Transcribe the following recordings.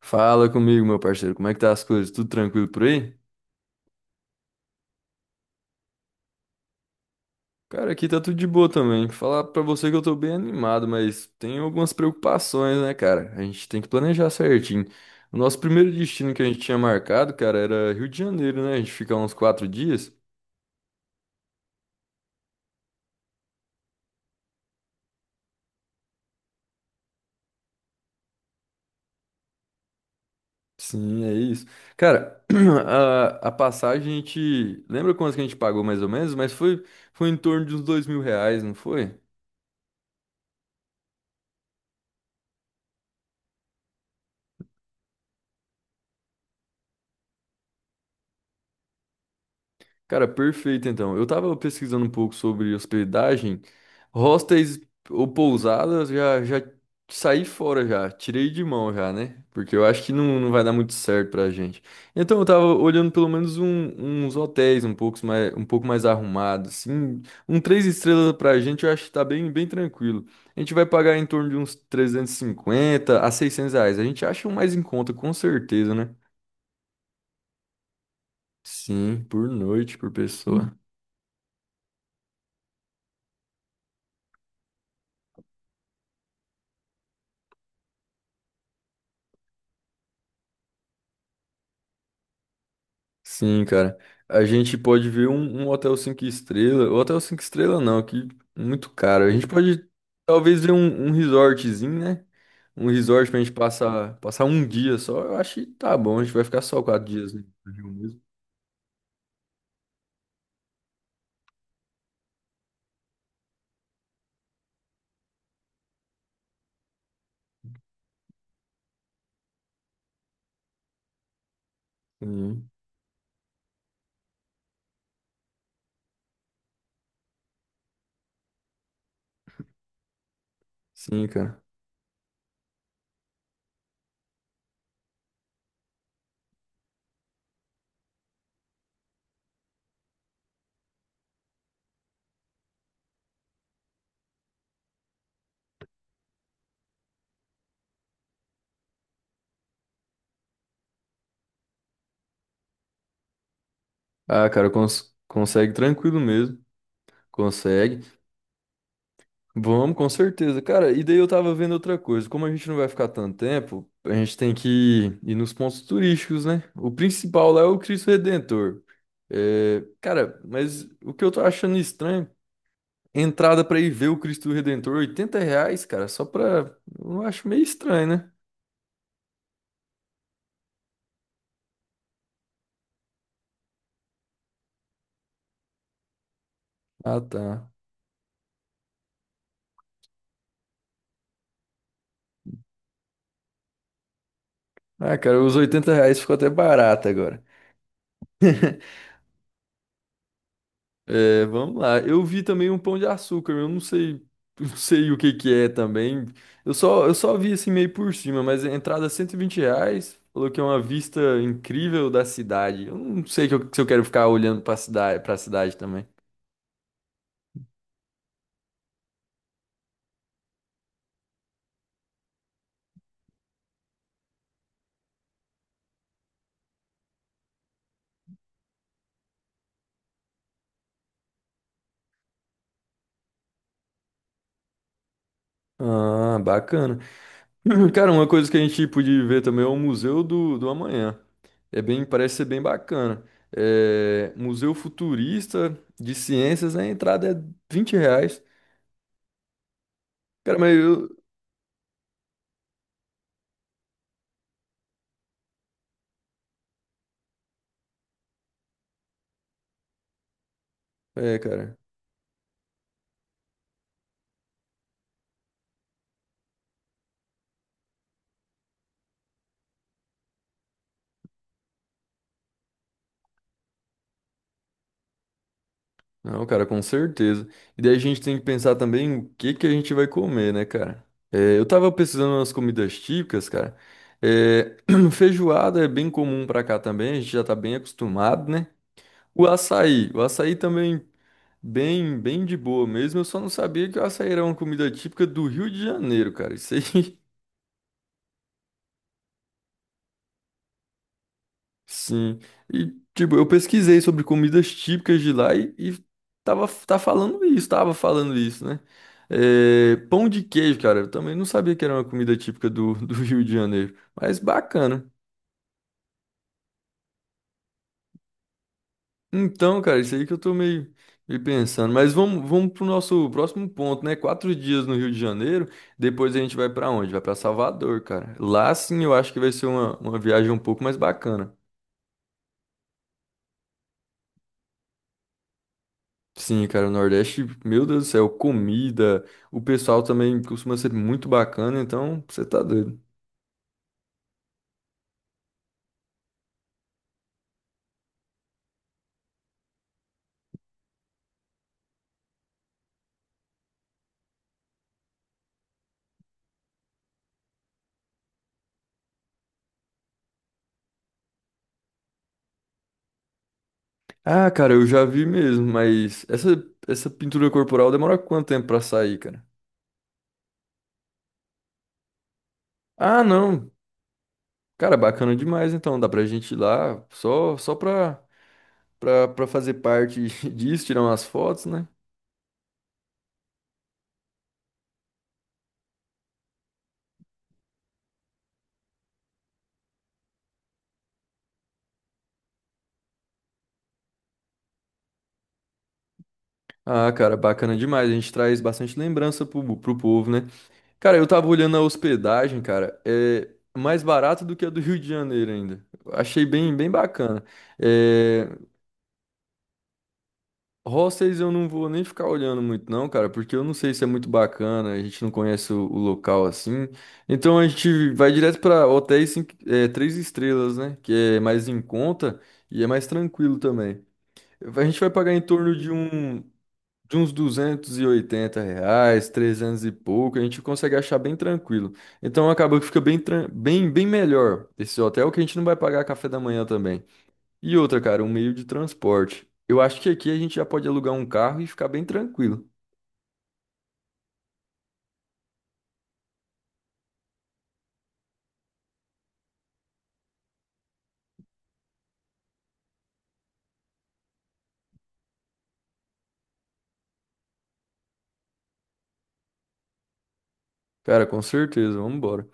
Fala comigo, meu parceiro. Como é que tá as coisas? Tudo tranquilo por aí? Cara, aqui tá tudo de boa também. Falar pra você que eu tô bem animado, mas tem algumas preocupações, né, cara? A gente tem que planejar certinho. O nosso primeiro destino que a gente tinha marcado, cara, era Rio de Janeiro, né? A gente fica uns 4 dias. Sim, é isso. Cara, a passagem a gente. Lembra quanto que a gente pagou mais ou menos? Mas foi em torno de uns R$ 2.000, não foi? Cara, perfeito então. Eu tava pesquisando um pouco sobre hospedagem, hostels ou pousadas, já saí fora já, tirei de mão já, né? Porque eu acho que não, não vai dar muito certo pra gente. Então eu tava olhando pelo menos uns hotéis um pouco mais arrumados, assim, um 3 estrelas pra gente, eu acho que tá bem, bem tranquilo. A gente vai pagar em torno de uns R$ 350 a R$ 600. A gente acha um mais em conta, com certeza, né? Sim, por noite, por pessoa. Sim, cara. A gente pode ver um hotel 5 estrelas. Hotel cinco estrelas não, que muito caro. A gente pode talvez ver um resortzinho, né? Um resort pra gente passar, um dia só. Eu acho que tá bom. A gente vai ficar só 4 dias, né? No Rio mesmo. Sim, sim, cara. Ah, cara, consegue tranquilo mesmo. Consegue. Vamos, com certeza. Cara, e daí eu tava vendo outra coisa. Como a gente não vai ficar tanto tempo, a gente tem que ir, nos pontos turísticos, né? O principal lá é o Cristo Redentor. É, cara, mas o que eu tô achando estranho, entrada pra ir ver o Cristo Redentor, R$ 80, cara, só pra. Eu acho meio estranho, né? Ah, tá. Ah, cara, os R$ 80 ficou até barato agora. É, vamos lá. Eu vi também um Pão de Açúcar, eu não sei, não sei o que que é também. Eu só vi assim meio por cima, mas a entrada é R$ 120, falou que é uma vista incrível da cidade. Eu não sei se eu quero ficar olhando pra cidade também. Ah, bacana. Cara, uma coisa que a gente podia ver também é o Museu do Amanhã. É bem, parece ser bem bacana. É, Museu Futurista de Ciências, a entrada é R$ 20. Cara, mas eu. É, cara. Não, cara, com certeza. E daí a gente tem que pensar também o que que a gente vai comer, né, cara? É, eu tava pesquisando umas comidas típicas, cara. É, feijoada é bem comum pra cá também, a gente já tá bem acostumado, né? O açaí também bem, bem de boa mesmo. Eu só não sabia que o açaí era uma comida típica do Rio de Janeiro, cara. Isso aí. Sim. E, tipo, eu pesquisei sobre comidas típicas de lá e tá falando isso, tava falando isso, né? É, pão de queijo, cara, eu também não sabia que era uma comida típica do Rio de Janeiro, mas bacana. Então, cara, isso aí que eu tô meio pensando. Mas vamos pro nosso próximo ponto, né? Quatro dias no Rio de Janeiro, depois a gente vai pra onde? Vai pra Salvador, cara. Lá sim eu acho que vai ser uma viagem um pouco mais bacana. Sim, cara, o Nordeste, meu Deus do céu, comida, o pessoal também costuma ser muito bacana, então você tá doido. Ah, cara, eu já vi mesmo, mas essa pintura corporal demora quanto tempo pra sair, cara? Ah, não. Cara, bacana demais, então dá pra gente ir lá só pra fazer parte disso, tirar umas fotos, né? Ah, cara, bacana demais. A gente traz bastante lembrança pro povo, né? Cara, eu tava olhando a hospedagem, cara, é mais barato do que a do Rio de Janeiro ainda. Achei bem, bem bacana. É, hostels eu não vou nem ficar olhando muito não, cara, porque eu não sei se é muito bacana, a gente não conhece o local assim. Então a gente vai direto pra hotéis três estrelas, né, que é mais em conta e é mais tranquilo também. A gente vai pagar em torno de uns R$ 280, 300 e pouco, a gente consegue achar bem tranquilo. Então acabou que fica bem melhor esse hotel, que a gente não vai pagar café da manhã também. E outra, cara, um meio de transporte. Eu acho que aqui a gente já pode alugar um carro e ficar bem tranquilo. Cara, com certeza, vamos embora.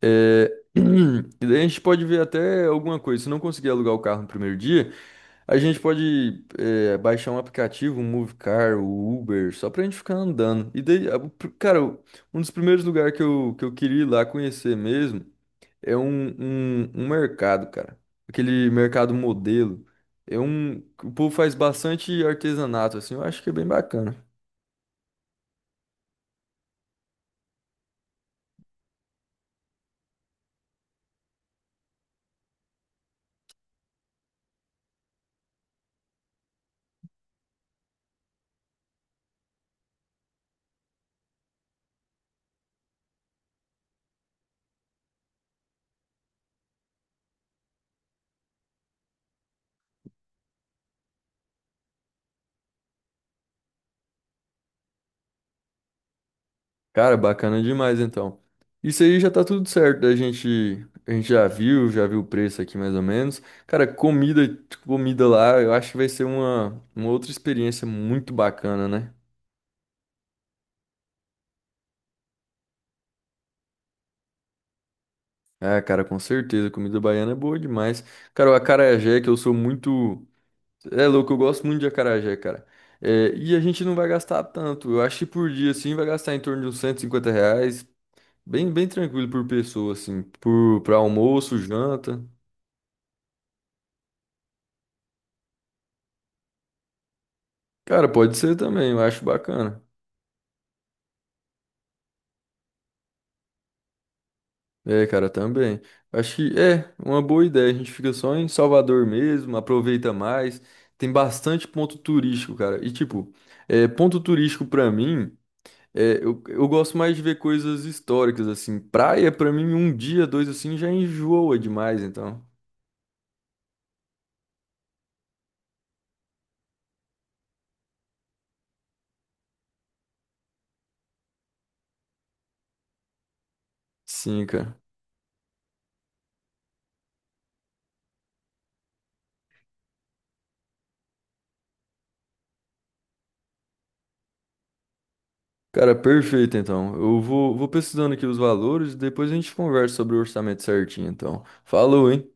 É, e daí a gente pode ver até alguma coisa. Se não conseguir alugar o carro no primeiro dia, a gente pode baixar um aplicativo, um Movecar, o Uber, só pra gente ficar andando. E daí, cara, um dos primeiros lugares que eu queria ir lá conhecer mesmo é um mercado, cara. Aquele mercado modelo. É um. O povo faz bastante artesanato, assim, eu acho que é bem bacana. Cara, bacana demais então. Isso aí já tá tudo certo. A gente já viu o preço aqui mais ou menos. Cara, comida lá, eu acho que vai ser uma outra experiência muito bacana, né? Ah, cara, com certeza. Comida baiana é boa demais. Cara, o acarajé, que eu sou muito. É louco, eu gosto muito de acarajé, cara. É, e a gente não vai gastar tanto. Eu acho que por dia, assim, vai gastar em torno de uns R$ 150. Bem, bem tranquilo por pessoa, assim. Pra almoço, janta. Cara, pode ser também, eu acho bacana. É, cara, também. Acho que é uma boa ideia. A gente fica só em Salvador mesmo, aproveita mais. Tem bastante ponto turístico, cara. E, tipo, ponto turístico pra mim, eu gosto mais de ver coisas históricas, assim. Praia, pra mim, um dia, dois, assim, já enjoa demais, então. Sim, cara. Cara, perfeito, então. Eu vou pesquisando aqui os valores e depois a gente conversa sobre o orçamento certinho, então. Falou, hein?